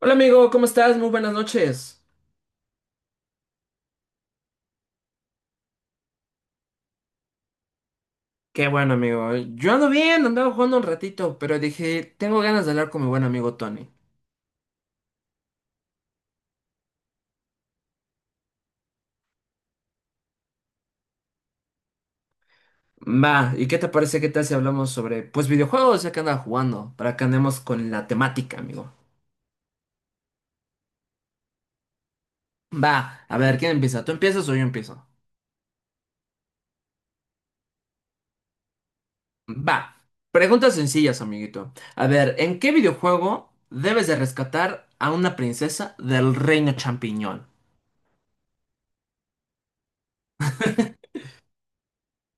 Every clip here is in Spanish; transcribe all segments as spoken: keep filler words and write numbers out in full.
Hola amigo, ¿cómo estás? Muy buenas noches. Qué bueno amigo. Yo ando bien, andaba jugando un ratito, pero dije, tengo ganas de hablar con mi buen amigo Tony. Va, ¿y qué te parece? ¿Qué tal si hablamos sobre, pues, videojuegos ya que andaba jugando? Para que andemos con la temática, amigo. Va, a ver, ¿quién empieza? ¿Tú empiezas o yo empiezo? Va. Preguntas sencillas, amiguito. A ver, ¿en qué videojuego debes de rescatar a una princesa del reino champiñón?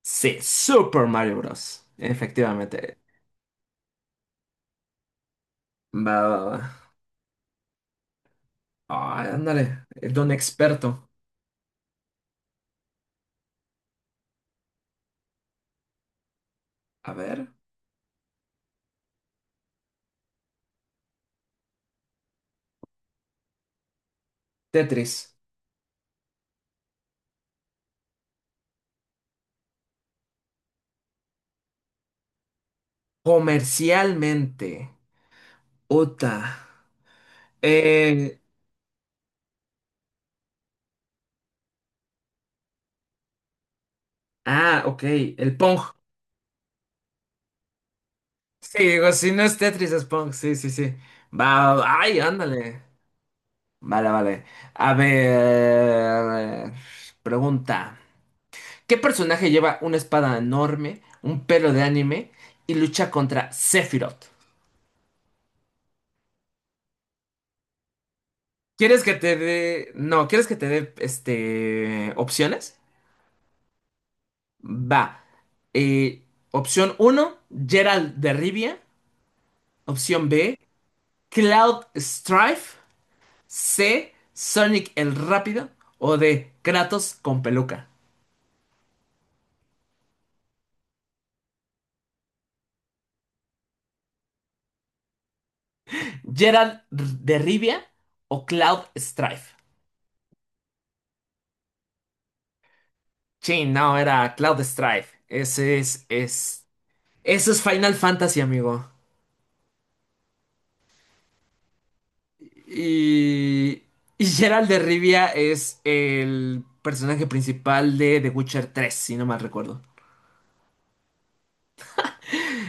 Sí, Super Mario Bros. Efectivamente. Va, va, va. Ay, ándale, el don experto. A ver, Tetris. Comercialmente. Ota. Eh, ah, ok, el Pong. Sí, digo, si no es Tetris, es Pong. Sí, sí, sí. Va, va, ay, ándale. Vale, vale. A ver, pregunta. ¿Qué personaje lleva una espada enorme, un pelo de anime y lucha contra Sephiroth? ¿Quieres que te dé... No, ¿quieres que te dé, este, opciones? Va. Eh, opción uno, Gerald de Rivia. Opción B, Cloud Strife. C, Sonic el Rápido. O D, Kratos con peluca. Gerald de Rivia o Cloud Strife. Sí, no, era Cloud Strife. Ese es, es, eso es Final Fantasy, amigo. Y, y Gerald de Rivia es el personaje principal de The Witcher tres, si no mal recuerdo.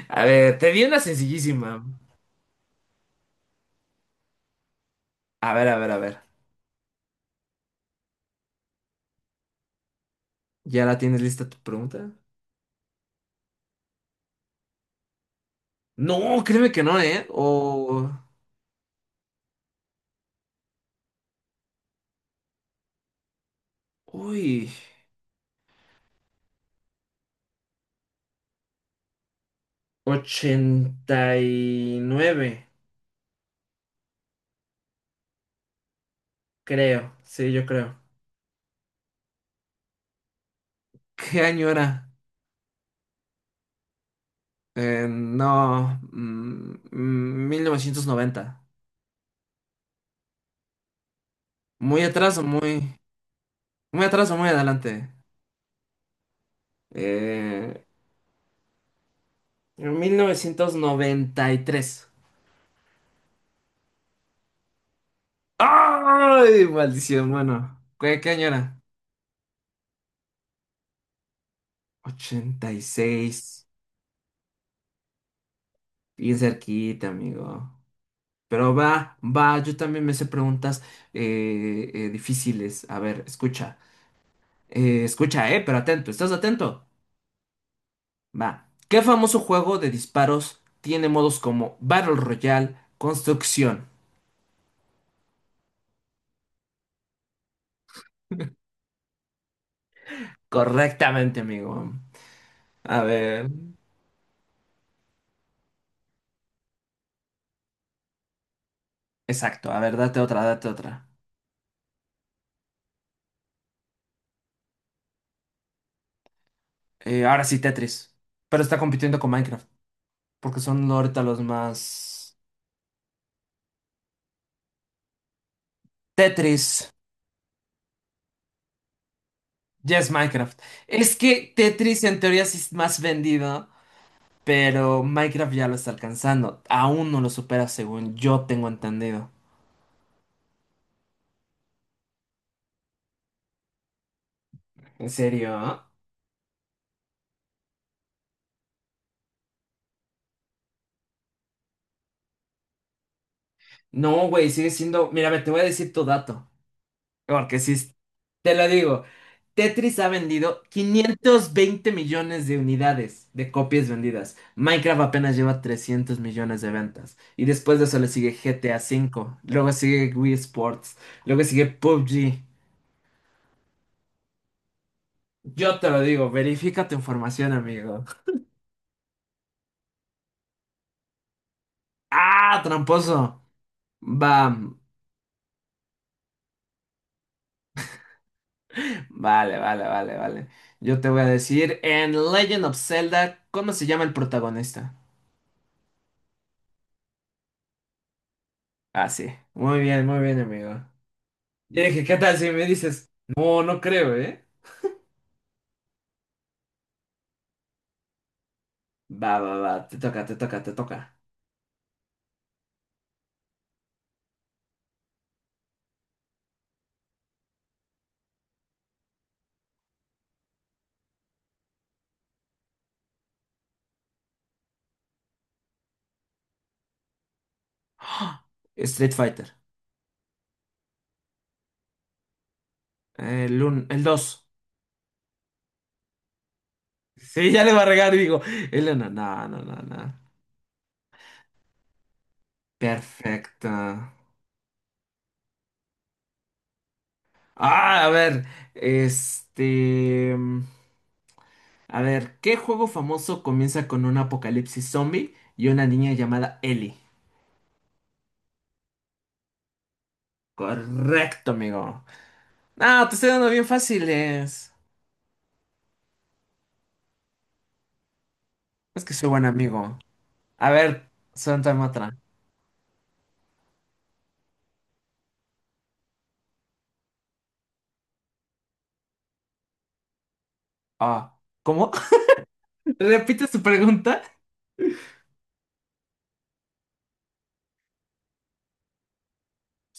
A ver, te di una sencillísima. A ver, a ver, a ver. ¿Ya la tienes lista tu pregunta? No, créeme que no, ¿eh? O... Uy. Ochenta y nueve, creo. Sí, yo creo. ¿Qué año era? Eh, no. Mm, mm, mil novecientos noventa. Muy atrás o muy... Muy atrás o muy adelante. Eh, mil novecientos noventa y tres. ¡Ay! Maldición, bueno. ¿Qué, qué año era? Ochenta y seis. Bien cerquita, amigo. Pero va, va, yo también me sé preguntas eh, eh, difíciles. A ver, escucha. Eh, escucha, eh, pero atento, ¿estás atento? Va. ¿Qué famoso juego de disparos tiene modos como Battle Royale, Construcción? Correctamente, amigo. A ver. Exacto, a ver, date otra, date otra. Eh, ahora sí, Tetris. Pero está compitiendo con Minecraft, porque son ahorita los más... Tetris. Ya es Minecraft. Es que Tetris en teoría sí es más vendido, pero Minecraft ya lo está alcanzando. Aún no lo supera según yo tengo entendido. ¿En serio? No, güey, sigue siendo... Mírame, te voy a decir tu dato. Porque si es- te lo digo, Tetris ha vendido quinientos veinte millones de unidades de copias vendidas. Minecraft apenas lleva trescientos millones de ventas. Y después de eso le sigue G T A V, luego sigue Wii Sports, luego sigue P U B G. Yo te lo digo, verifica tu información, amigo. ¡Ah, tramposo! Bam. Vale, vale, vale, vale. Yo te voy a decir, en Legend of Zelda, ¿cómo se llama el protagonista? Ah, sí. Muy bien, muy bien, amigo. Yo dije, ¿qué tal si me dices? No, no creo, ¿eh? Va, va, va. Te toca, te toca, te toca. ¡Ah! Street Fighter. El uno, el dos. Sí, ya le va a regar, digo. El uno. No, no, no, no. Perfecto. Ah, a ver, este... A ver, ¿qué juego famoso comienza con un apocalipsis zombie y una niña llamada Ellie? Correcto, amigo. No, te estoy dando bien fáciles. Es que soy buen amigo. A ver, suéltame otra. Ah, ¿cómo? ¿Repite su pregunta?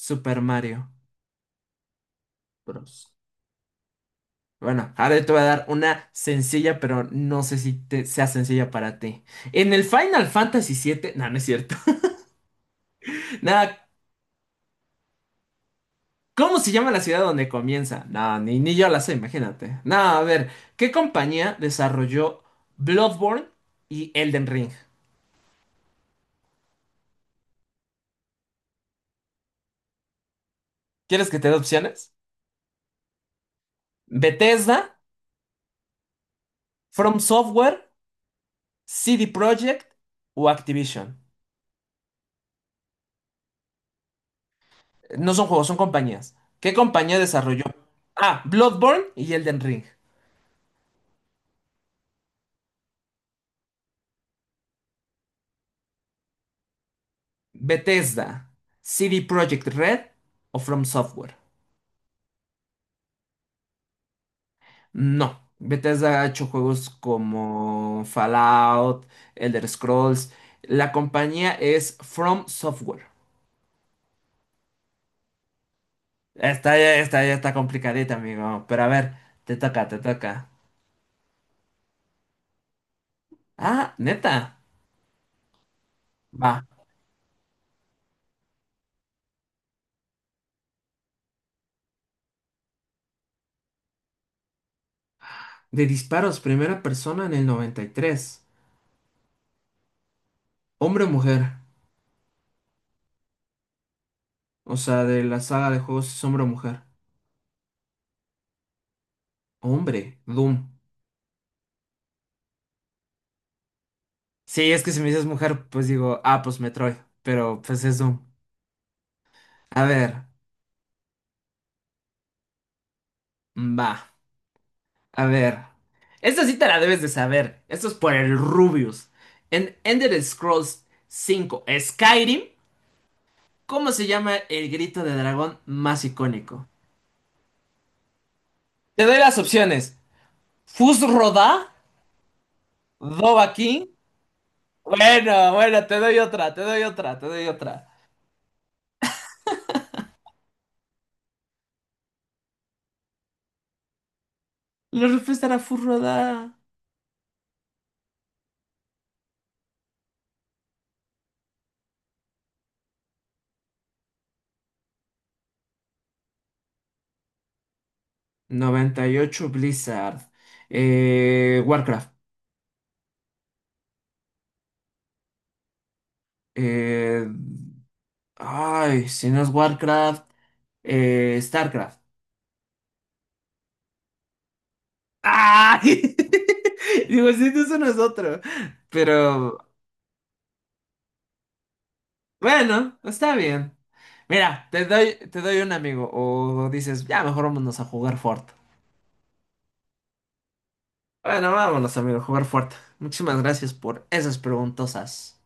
Super Mario Bros. Bueno, ahora yo te voy a dar una sencilla, pero no sé si te- sea sencilla para ti. En el Final Fantasy siete, no, no es cierto. Nada. ¿Cómo se llama la ciudad donde comienza? No, ni, ni yo la sé, imagínate. No, a ver, ¿qué compañía desarrolló Bloodborne y Elden Ring? ¿Quieres que te dé opciones? ¿Bethesda, From Software, C D Projekt o Activision? No son juegos, son compañías. ¿Qué compañía desarrolló? Ah, Bloodborne y Elden Ring. ¿Bethesda, C D Projekt Red o From Software? No, Bethesda ha hecho juegos como Fallout, Elder Scrolls. La compañía es From Software. Esta ya, esta ya está complicadita, amigo. Pero a ver, te toca, te toca. Ah, neta. Va. De disparos, primera persona en el noventa y tres. Hombre o mujer. O sea, de la saga de juegos es hombre o mujer. Hombre, Doom. Sí, es que si me dices mujer, pues digo, ah, pues Metroid. Pero pues es Doom. A ver, va. A ver. Esta sí te la debes de saber. Esto es por el Rubius. En Ender Scrolls cinco, Skyrim, ¿cómo se llama el grito de dragón más icónico? Te doy las opciones. Fusroda, Dovahkiin. Bueno, bueno, te doy otra, te doy otra, te doy otra. La respuesta era Fusroda. Noventa y ocho, Blizzard. Eh, Warcraft. Eh, ay, si no es Warcraft, eh, Starcraft. ¡Ay! Digo, sí, eso no es otro. Pero bueno, está bien. Mira, te doy, te doy un amigo. O dices, ya mejor vámonos a jugar Fort. Bueno, vámonos, amigo, a jugar Fort. Muchísimas gracias por esas preguntosas.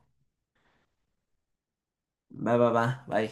Va, va, va, bye.